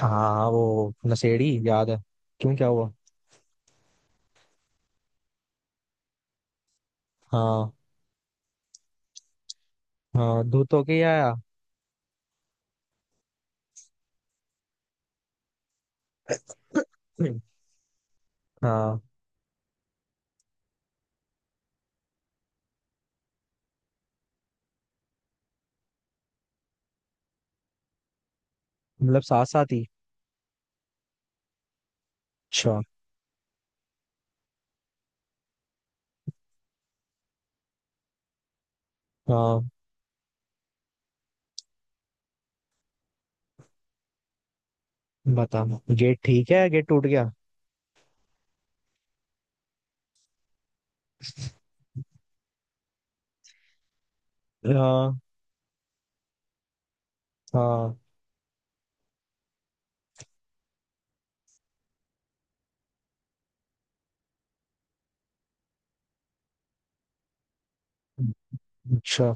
हाँ, वो नशेड़ी याद है। क्यों, क्या हुआ? हाँ। हाँ, धूत होके ही आया। हाँ। मतलब साथ साथ ही? अच्छा। हाँ, बता। गेट ठीक है? गेट टूट गया? हाँ। हाँ। अच्छा।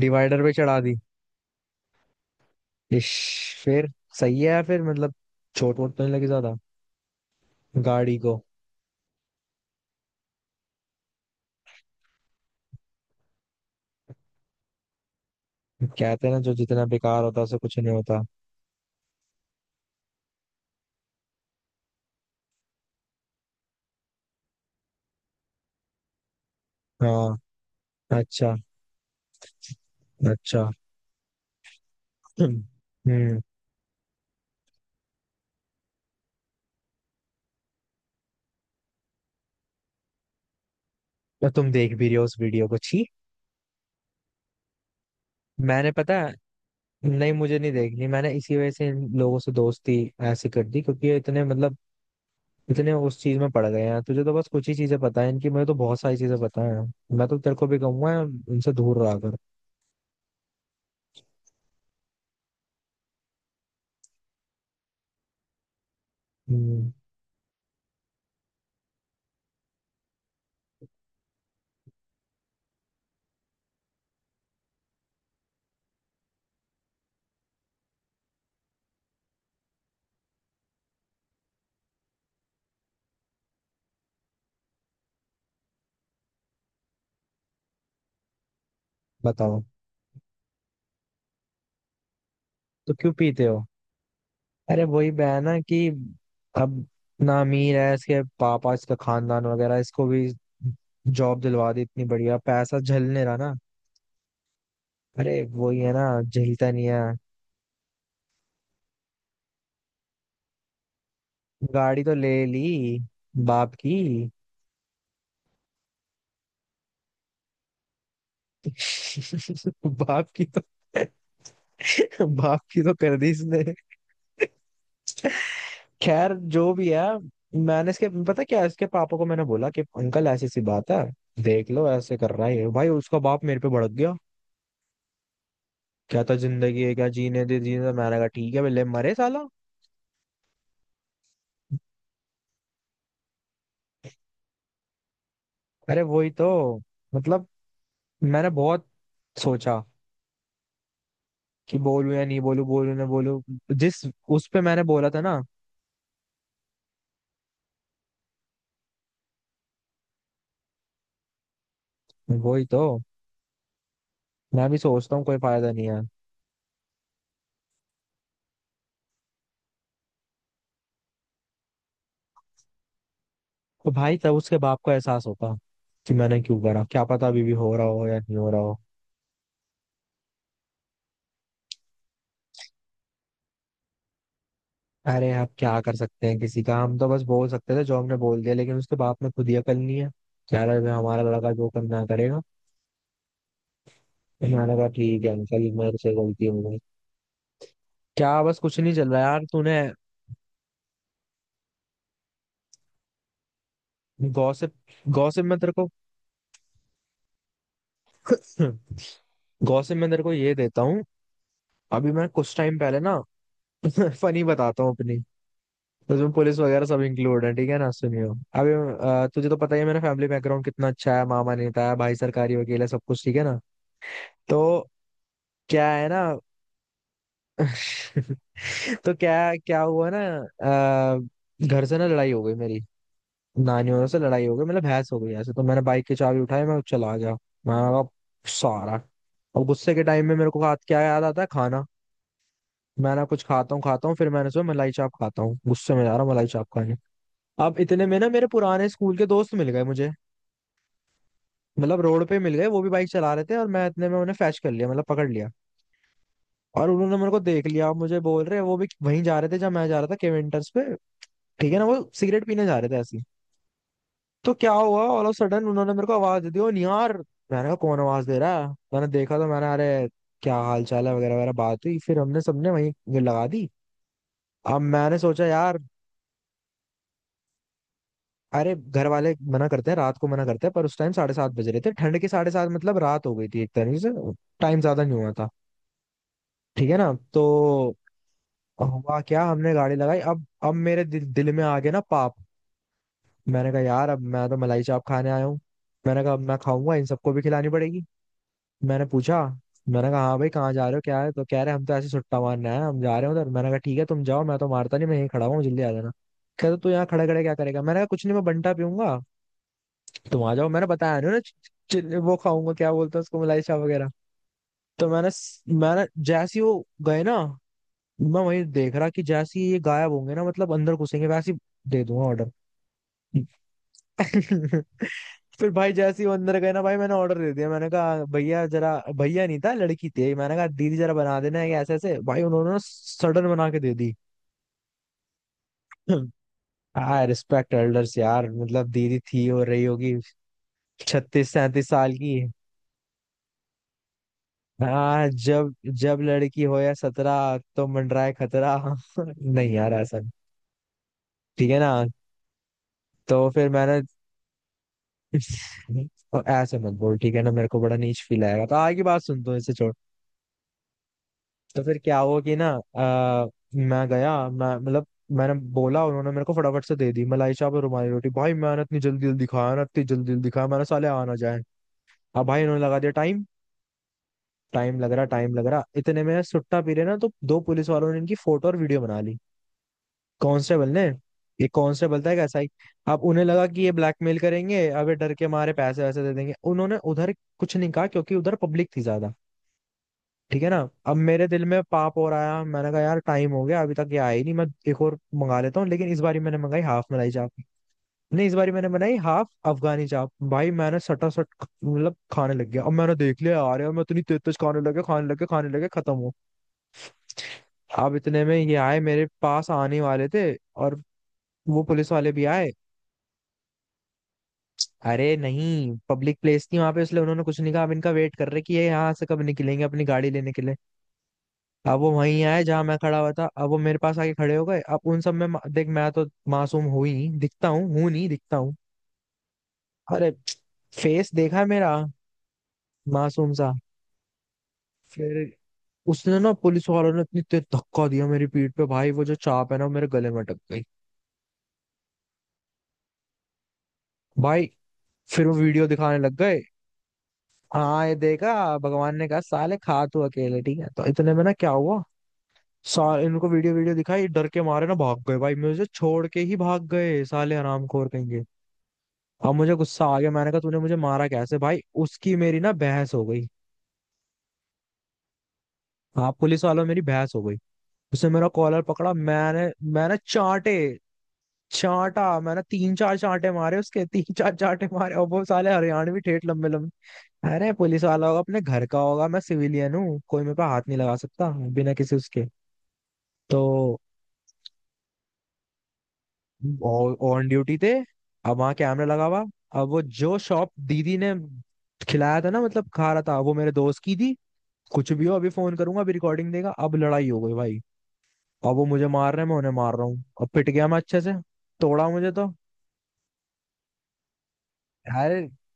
डिवाइडर पे चढ़ा दी? इश, फिर? सही है या फिर मतलब चोट वोट तो नहीं लगी ज्यादा? गाड़ी को? कहते हैं ना, जो जितना बेकार होता है उसे कुछ नहीं होता। हाँ। अच्छा। अच्छा। हम्म। तो तुम देख भी रहे हो उस वीडियो को? छी। मैंने पता है। नहीं, मुझे नहीं देखनी। मैंने इसी वजह से इन लोगों से दोस्ती ऐसी कर दी क्योंकि ये इतने मतलब इतने उस चीज में पड़ गए हैं। तुझे तो बस कुछ ही चीजें पता है इनकी, मुझे तो बहुत सारी चीजें पता है। मैं तो तेरे को भी कहूंगा, इनसे दूर रहा कर। हम्म, बताओ। तो क्यों पीते हो? अरे वही बहन है कि, अब ना, अमीर है इसके पापा, इसका खानदान वगैरह, इसको भी जॉब दिलवा दी, इतनी बढ़िया पैसा झलने रहा ना। अरे वही है ना, झेलता नहीं है। गाड़ी तो ले ली बाप की। बाप की तो बाप की तो कर दी इसने। खैर जो भी है। मैंने इसके पता क्या, इसके पापा को मैंने बोला कि अंकल ऐसी सी बात है, देख लो ऐसे कर रहा है भाई। उसका बाप मेरे पे भड़क गया, कहता जिंदगी है क्या, जीने दे जीने दे। मैंने कहा ठीक है, ले मरे साला। अरे वही तो, मतलब मैंने बहुत सोचा कि बोलूं या नहीं बोलूं, बोलूं ना बोलूं। जिस उस पे मैंने बोला था ना। वही तो, मैं भी सोचता हूँ कोई फायदा नहीं है। तो भाई तब उसके बाप को एहसास होता कि मैंने क्यों करा। क्या पता अभी भी हो रहा हो या नहीं हो रहा हो। अरे आप क्या कर सकते हैं किसी का, हम तो बस बोल सकते थे, जो हमने बोल दिया, लेकिन उसके बाप ने खुद ही अकल नहीं है, कह रहा है हमारा लड़का जो करना करेगा। तो मैंने कहा ठीक है अंकल, मेरे से गलती हो गई। क्या बस, कुछ नहीं चल रहा यार तूने। गॉसिप। गॉसिप में तेरे को गॉसिप में तेरे को ये देता हूँ। अभी मैं कुछ टाइम पहले ना फनी बताता हूँ अपनी, उसमें पुलिस वगैरह सब इंक्लूड है, ठीक है ना, सुनियो। अभी तुझे तो पता ही है मेरा फैमिली बैकग्राउंड कितना अच्छा है, मामा नेता है, भाई सरकारी वकील है, सब कुछ ठीक है ना। तो क्या है ना, तो क्या क्या हुआ ना, घर से ना लड़ाई हो गई मेरी, नानियों से लड़ाई हो गई, मतलब बहस हो गई ऐसे। तो मैंने बाइक की चाबी उठाई, मैं चला गया, मैं कहा सारा। और गुस्से के टाइम में मेरे को हाथ क्या याद आता है, खाना। मैं ना कुछ खाता हूँ खाता हूँ, फिर मैंने सोचा मलाई चाप खाता हूँ, गुस्से में जा रहा हूँ मलाई चाप खाने। अब इतने में ना मेरे पुराने स्कूल के दोस्त मिल गए मुझे, मतलब रोड पे मिल गए, वो भी बाइक चला रहे थे, और मैं इतने में उन्हें फैच कर लिया, मतलब पकड़ लिया। और उन्होंने मेरे को देख लिया। अब मुझे बोल रहे, वो भी वहीं जा रहे थे जब मैं जा रहा था केवेंटर्स पे। ठीक है ना, वो सिगरेट पीने जा रहे थे ऐसे ही। तो क्या हुआ, ऑल ऑफ सडन उन्होंने मेरे को आवाज दे दी, ओ निहार। मैंने कहा कौन आवाज दे रहा है, मैंने देखा, तो मैंने अरे क्या हाल चाल है वगैरह वगैरह बात हुई, फिर हमने सबने वहीं लगा दी। अब मैंने सोचा यार, अरे घर वाले मना करते हैं, रात को मना करते हैं, पर उस टाइम 7:30 बज रहे थे। ठंड के 7:30, मतलब रात हो गई थी एक तरीके से। टाइम ज्यादा नहीं हुआ था, ठीक है ना। तो हुआ क्या, हमने गाड़ी लगाई, अब मेरे दिल में आ गया ना पाप। मैंने कहा यार अब मैं तो मलाई चाप खाने आया हूँ, मैंने कहा अब मैं खाऊंगा, इन सबको भी खिलानी पड़ेगी। मैंने पूछा, मैंने कहा हाँ भाई कहाँ जा रहे हो, क्या है? तो कह रहे हम तो ऐसे सुट्टा मारने आए हैं, हम जा रहे हैं उधर। मैंने कहा ठीक है तुम जाओ, मैं तो मारता नहीं, मैं यहीं खड़ा हुआ हूँ, जल्दी आ जाना। कहते तू यहाँ खड़े खड़े क्या करेगा, मैंने कहा कुछ नहीं, मैं बंटा पीऊंगा, तुम आ जाओ। मैंने बताया नहीं ना वो खाऊंगा क्या बोलते हैं उसको, मलाई चाप वगैरह। तो मैंने मैंने जैसे ही वो गए ना, मैं वही देख रहा कि जैसे ही ये गायब होंगे ना, मतलब अंदर घुसेंगे, वैसे ही दे दूंगा ऑर्डर। फिर भाई जैसे ही वो अंदर गए ना, भाई मैंने ऑर्डर दे दिया। मैंने कहा भैया जरा, भैया नहीं था लड़की थी, मैंने कहा दीदी जरा बना देना है ऐसे ऐसे, भाई उन्होंने ना सडन बना के दे दी। आई रिस्पेक्ट एल्डर्स यार, मतलब दीदी थी, हो रही होगी 36-37 साल की। हाँ, जब जब लड़की हो या 17 तो मंडराए खतरा। नहीं यार, ऐसा नहीं। ठीक है ना। तो फिर मैंने, और ऐसे मत बोल, ठीक है ना, मेरे को बड़ा नीच फील आएगा, तो आगे बात सुन, तो इसे छोड़। तो फिर क्या हुआ कि ना, आ, मैं गया, मैं मतलब मैंने बोला, उन्होंने मेरे को फटाफट से दे दी मलाई चाप और रुमाली रोटी। भाई मैंने इतनी जल्दी जल्दी खाया ना, इतनी जल्दी जल्दी खाया, मैंने साले आ ना जाए। अब भाई उन्होंने लगा दिया टाइम, टाइम लग रहा, टाइम लग रहा, इतने में सुट्टा पी रहे ना, तो दो पुलिस वालों ने इनकी फोटो और वीडियो बना ली। कांस्टेबल ने, ये कांस्टेबल था, एक एसआई। अब उन्हें लगा कि ये ब्लैकमेल करेंगे, अब ये डर के मारे पैसे वैसे दे देंगे, उन्होंने उधर कुछ नहीं कहा क्योंकि उधर पब्लिक थी ज्यादा, ठीक है ना। अब मेरे दिल में पाप और आया, मैंने कहा यार टाइम हो गया अभी तक ये आई नहीं, मैं एक और मंगा लेता हूँ। लेकिन इस बारी मैंने मंगाई हाफ मलाई चाप, नहीं, इस बारी मैंने बनाई हाफ अफगानी चाप। भाई मैंने सटा सट मतलब खाने लग गया। अब मैंने देख लिया आ रहे, मैं इतनी तेज तेज खाने लगे, खाने लगे, खाने लगे, खत्म हो। अब इतने में ये आए, मेरे पास आने वाले थे, और वो पुलिस वाले भी आए। अरे नहीं, पब्लिक प्लेस थी वहां पे, इसलिए उन्होंने कुछ नहीं कहा, अब इनका वेट कर रहे कि ये यहाँ से कब निकलेंगे अपनी गाड़ी लेने के लिए। अब वो वहीं आए जहां मैं खड़ा हुआ था, अब वो मेरे पास आके खड़े हो गए। अब उन सब में देख, मैं तो मासूम हूं ही, दिखता हूँ, हूं नहीं, दिखता हूँ। अरे फेस देखा है मेरा, मासूम सा। फिर उसने ना, पुलिस वालों ने इतनी तेज धक्का दिया मेरी पीठ पे, भाई वो जो चाप है ना, वो मेरे गले में अटक गई। भाई फिर वो वीडियो दिखाने लग गए। हाँ, ये देखा, भगवान ने कहा साले खा तू अकेले, ठीक है। तो इतने में ना क्या हुआ, सारे इनको वीडियो वीडियो दिखाई, डर के मारे ना भाग गए भाई, मुझे छोड़ के ही भाग गए, साले हरामखोर कहेंगे। अब मुझे गुस्सा आ गया, मैंने कहा तूने मुझे मारा कैसे भाई, उसकी मेरी ना बहस हो गई। हाँ, पुलिस वालों मेरी बहस हो गई। उसने मेरा कॉलर पकड़ा, मैंने मैंने चांटे, चांटा, मैंने तीन चार चांटे मारे उसके, तीन चार चांटे मारे, और वो साले हरियाणवी ठेठ लंबे लंबे। अरे पुलिस वाला होगा अपने घर का होगा, मैं सिविलियन हूँ, कोई मेरे पे हाथ नहीं लगा सकता बिना किसी उसके। तो ऑन ड्यूटी थे, अब वहां कैमरा लगा हुआ, अब वो जो शॉप दीदी ने खिलाया था ना, मतलब खा रहा था, वो मेरे दोस्त की थी। कुछ भी हो, अभी फोन करूंगा, अभी रिकॉर्डिंग देगा, अब लड़ाई हो गई भाई। अब वो मुझे मार रहे हैं, मैं उन्हें मार रहा हूँ, अब पिट गया मैं अच्छे से। तोड़ा मुझे तो। यार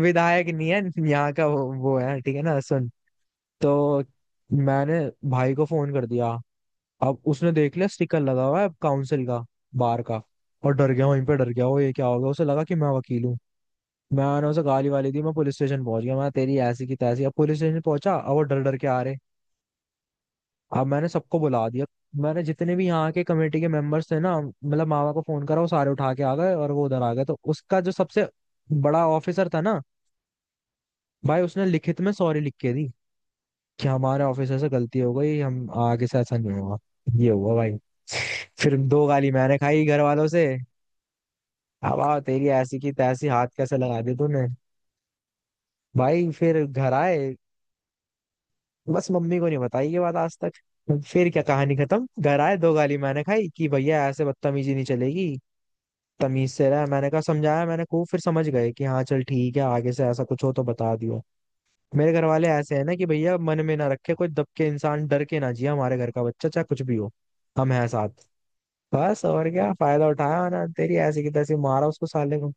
विधायक नहीं है, यहाँ का वो है, ठीक है ना, सुन। तो मैंने भाई को फोन कर दिया। अब उसने देख लिया स्टिकर लगा हुआ है काउंसिल का, बार का, और डर गया, वहीं पे डर गया वो, ये क्या हो गया, उसे लगा कि मैं वकील हूँ। मैंने उसे गाली वाली दी, मैं पुलिस स्टेशन पहुंच गया, मैं तेरी ऐसी की तैसी, अब पुलिस स्टेशन पहुंचा, अब वो डर डर के आ रहे। अब मैंने सबको बुला दिया, मैंने जितने भी यहाँ के कमेटी के मेंबर्स थे ना, मतलब मामा को फोन करा, वो सारे उठा के आ गए, और वो उधर आ गए, तो उसका जो सबसे बड़ा ऑफिसर था ना, भाई उसने लिखित में सॉरी लिख के दी कि हमारे ऑफिसर से गलती हो गई, हम आगे से ऐसा नहीं होगा। ये हुआ भाई। फिर दो गाली मैंने खाई घर वालों से, अब आओ तेरी ऐसी की तैसी, हाथ कैसे लगा दी तूने। भाई फिर घर आए, बस मम्मी को नहीं बताई ये बात आज तक। फिर क्या, कहानी खत्म, घर आए, दो गाली मैंने खाई, कि भैया ऐसे बदतमीजी नहीं चलेगी, तमीज से रहा। मैंने कहा समझाया मैंने खूब, फिर समझ गए कि हाँ चल ठीक है आगे से ऐसा कुछ हो तो बता दियो। मेरे घर वाले ऐसे हैं ना, कि भैया मन में ना रखे कोई, दब के इंसान डर के ना जिए, हमारे घर का बच्चा चाहे कुछ भी हो, हम हैं साथ। बस, और क्या फायदा उठाया ना, तेरी ऐसी की तैसी मारा उसको साले को।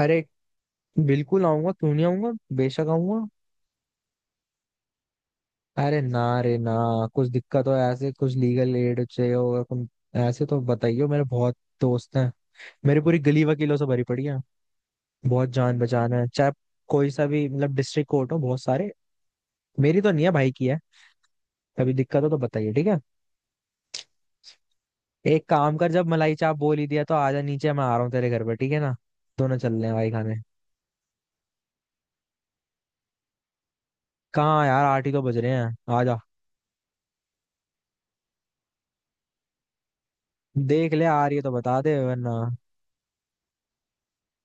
अरे बिल्कुल आऊंगा, क्यों नहीं आऊंगा, बेशक आऊंगा। अरे ना रे ना, कुछ दिक्कत हो, ऐसे कुछ लीगल एड चाहिए होगा तुम, ऐसे तो बताइयो, मेरे बहुत दोस्त हैं, मेरी पूरी गली वकीलों से भरी पड़ी है, बहुत जान पहचान है, चाहे कोई सा भी मतलब डिस्ट्रिक्ट कोर्ट हो, बहुत सारे, मेरी तो नहीं है, भाई की है। कभी दिक्कत हो तो बताइए, ठीक है। एक काम कर, जब मलाई चाप बोल ही दिया तो आजा नीचे, मैं आ रहा हूँ तेरे घर पे, ठीक है ना, दोनों चल रहे हैं भाई खाने। कहाँ यार, 8 ही तो बज रहे हैं, आजा। देख ले, आ रही है तो बता दे वरना।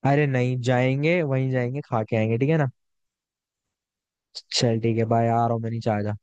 अरे नहीं, जाएंगे वहीं जाएंगे, खा के आएंगे, ठीक है ना। चल ठीक है बाय, आ रहा हूँ मैं नीचे, आजा।